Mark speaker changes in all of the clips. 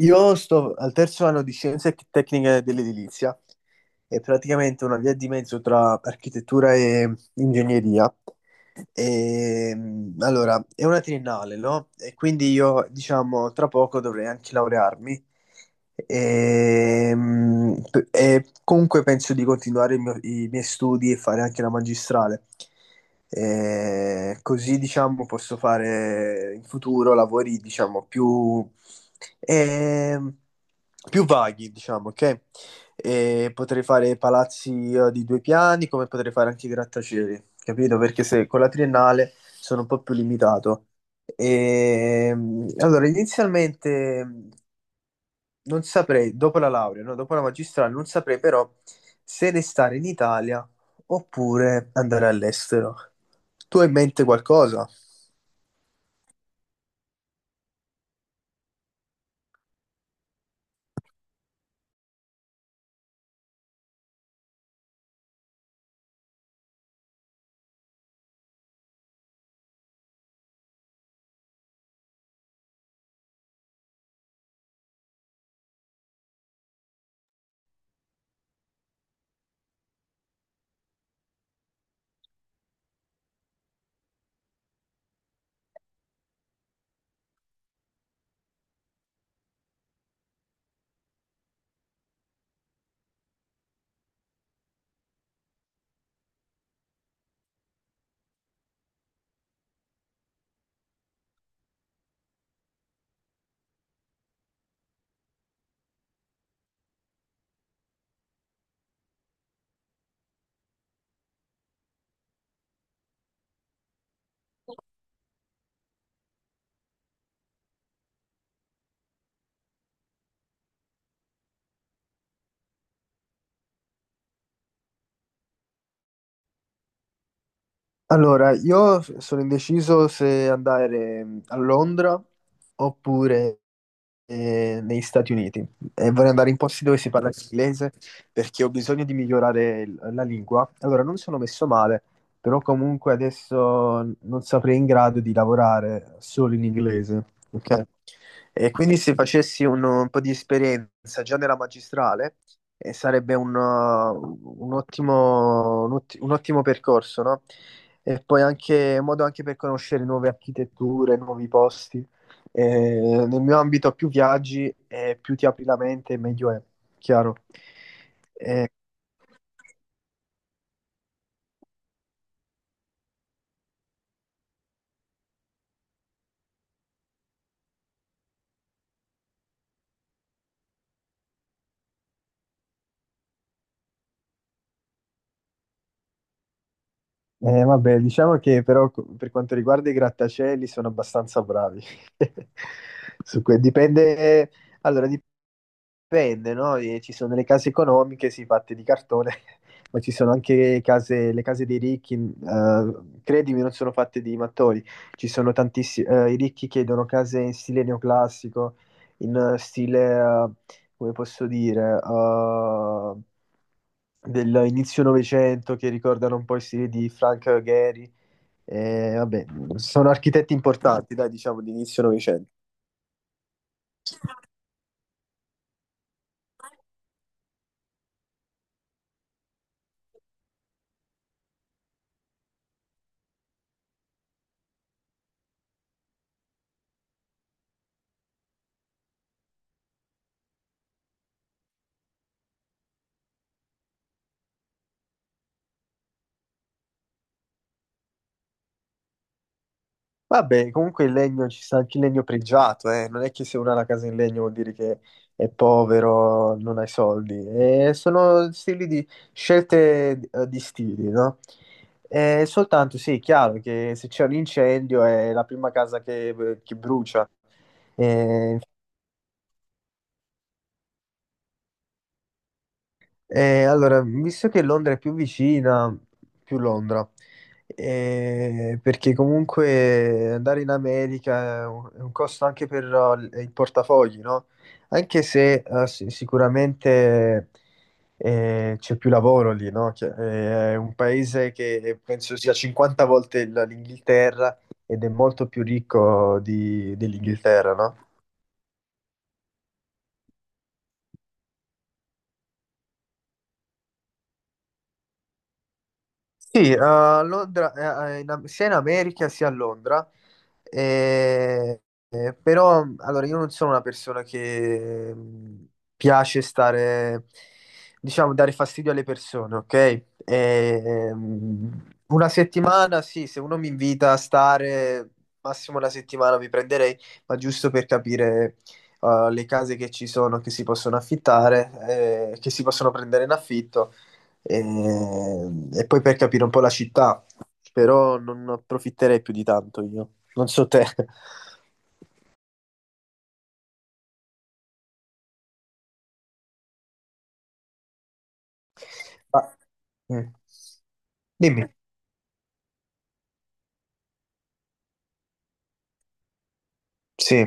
Speaker 1: Io sto al terzo anno di Scienze Tecniche dell'Edilizia, è praticamente una via di mezzo tra architettura e ingegneria. Allora, è una triennale, no? E quindi io, diciamo, tra poco dovrei anche laurearmi. E comunque penso di continuare i miei studi e fare anche la magistrale. E così, diciamo, posso fare in futuro lavori, diciamo, ehm, più vaghi, diciamo, ok? E potrei fare palazzi di due piani, come potrei fare anche i grattacieli, capito? Perché se con la triennale sono un po' più limitato. E, allora, inizialmente non saprei, dopo la laurea, no, dopo la magistrale, non saprei però se restare in Italia oppure andare all'estero. Tu hai in mente qualcosa? Allora, io sono indeciso se andare a Londra oppure negli Stati Uniti, e vorrei andare in posti dove si parla inglese perché ho bisogno di migliorare la lingua. Allora, non sono messo male, però comunque adesso non sarei in grado di lavorare solo in inglese, ok? E quindi se facessi un po' di esperienza già nella magistrale, e sarebbe un ottimo, un ottimo percorso, no? E poi anche modo anche per conoscere nuove architetture, nuovi posti. Nel mio ambito più viaggi e più ti apri la mente, meglio è, chiaro. Eh, Vabbè, diciamo che però per quanto riguarda i grattacieli sono abbastanza bravi. Dipende, allora, dipende, no? E ci sono le case economiche, sì, fatte di cartone, ma ci sono anche case, le case dei ricchi, credimi, non sono fatte di mattoni. Ci sono tantissimi, i ricchi chiedono case in stile neoclassico, in stile, come posso dire, dell'inizio Novecento, che ricordano un po' i stili di Frank Gehry. E, vabbè, sono architetti importanti, dai, diciamo, di inizio Novecento. Vabbè, comunque il legno, ci sta anche il legno pregiato, eh. Non è che se uno ha la casa in legno vuol dire che è povero, non hai soldi. Sono stili di scelte, di stili, no? Soltanto sì, è chiaro che se c'è un incendio è la prima casa che brucia. Eh, allora, visto che Londra è più vicina, più Londra, perché comunque andare in America è è un costo anche per il portafogli, no? Anche se sicuramente c'è più lavoro lì, no? È un paese che penso sia 50 volte l'Inghilterra, ed è molto più ricco dell'Inghilterra, no? Sì, a Londra, in sia in America sia a Londra. Eh, Però allora io non sono una persona che piace stare, diciamo, dare fastidio alle persone, ok? Una settimana, sì, se uno mi invita a stare, massimo una settimana mi prenderei, ma giusto per capire le case che ci sono, che si possono affittare, che si possono prendere in affitto, e, e poi per capire un po' la città, però non approfitterei più di tanto io. Non so te. Ma- mm. Dimmi, sì.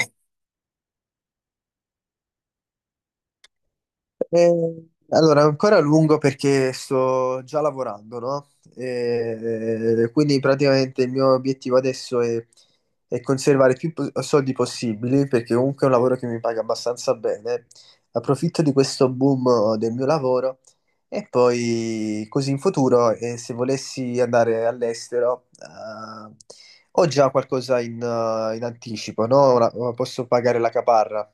Speaker 1: Eh, allora, ancora a lungo perché sto già lavorando, no? Quindi praticamente il mio obiettivo adesso è conservare soldi possibili perché comunque è un lavoro che mi paga abbastanza bene. Approfitto di questo boom del mio lavoro, e poi così in futuro, se volessi andare all'estero, ho già qualcosa in, in anticipo, no? Ora posso pagare la caparra.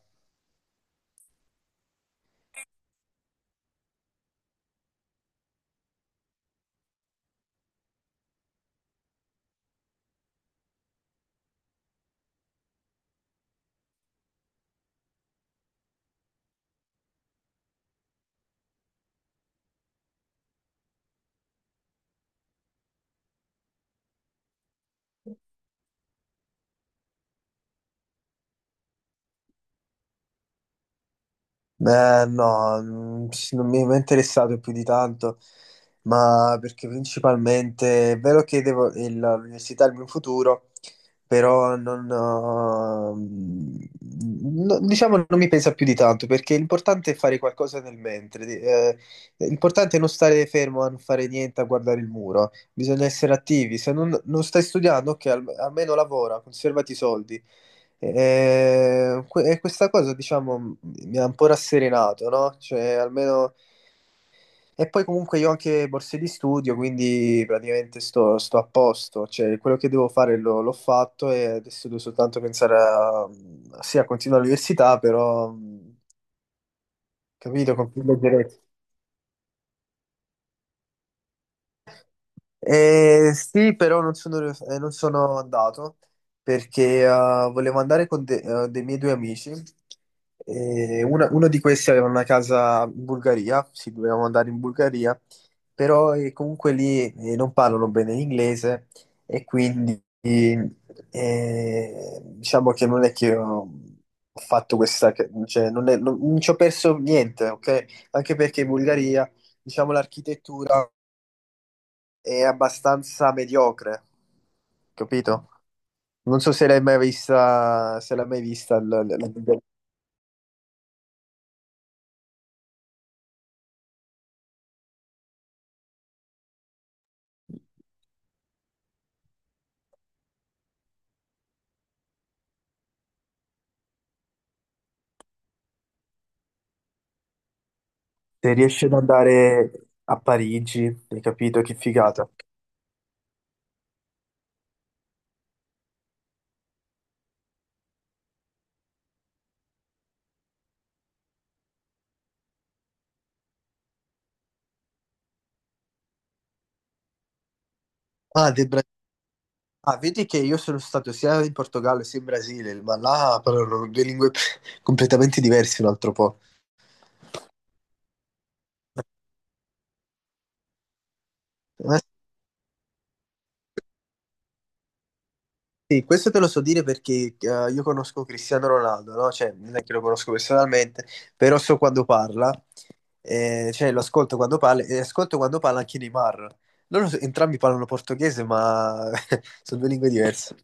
Speaker 1: Beh, no, mm, sì, non mi è mai interessato più di tanto, ma perché principalmente è vero che devo, l'università è il mio futuro, però non, mm, no- diciamo non mi pensa più di tanto, perché l'importante è fare qualcosa nel mentre, l'importante è non stare fermo a non fare niente, a guardare il muro, bisogna essere attivi, se non, non stai studiando, ok, almeno lavora, conservati i soldi. E questa cosa, diciamo, mi ha un po' rasserenato, no? Cioè, almeno... E poi comunque io ho anche borse di studio, quindi praticamente sto a posto. Cioè, quello che devo fare l'ho fatto e adesso devo soltanto pensare a... Sì, a continuare l'università, però... mh. Capito? Con più leggerezza. Sì, però non sono andato perché volevo andare con dei miei due amici. E uno di questi aveva una casa in Bulgaria, sì, dovevamo andare in Bulgaria, però comunque lì non parlano bene l'inglese, e quindi diciamo che non è che ho fatto questa, cioè non è- non- non ci ho perso niente, ok? Anche perché in Bulgaria, diciamo, l'architettura è abbastanza mediocre, capito? Non so se l'hai mai vista, se l'hai mai vista, la- se riesci ad andare a Parigi, hai capito? Che figata. Ah, del Bra- ah, vedi che io sono stato sia in Portogallo sia in Brasile, ma là parlano due lingue completamente diverse un altro po'. Eh, sì, questo te lo so dire perché io conosco Cristiano Ronaldo, no? Cioè, non è che lo conosco personalmente, però so quando parla. E, cioè, lo ascolto quando parla, e ascolto quando parla anche Neymar. Entrambi parlano portoghese, ma sono due lingue diverse.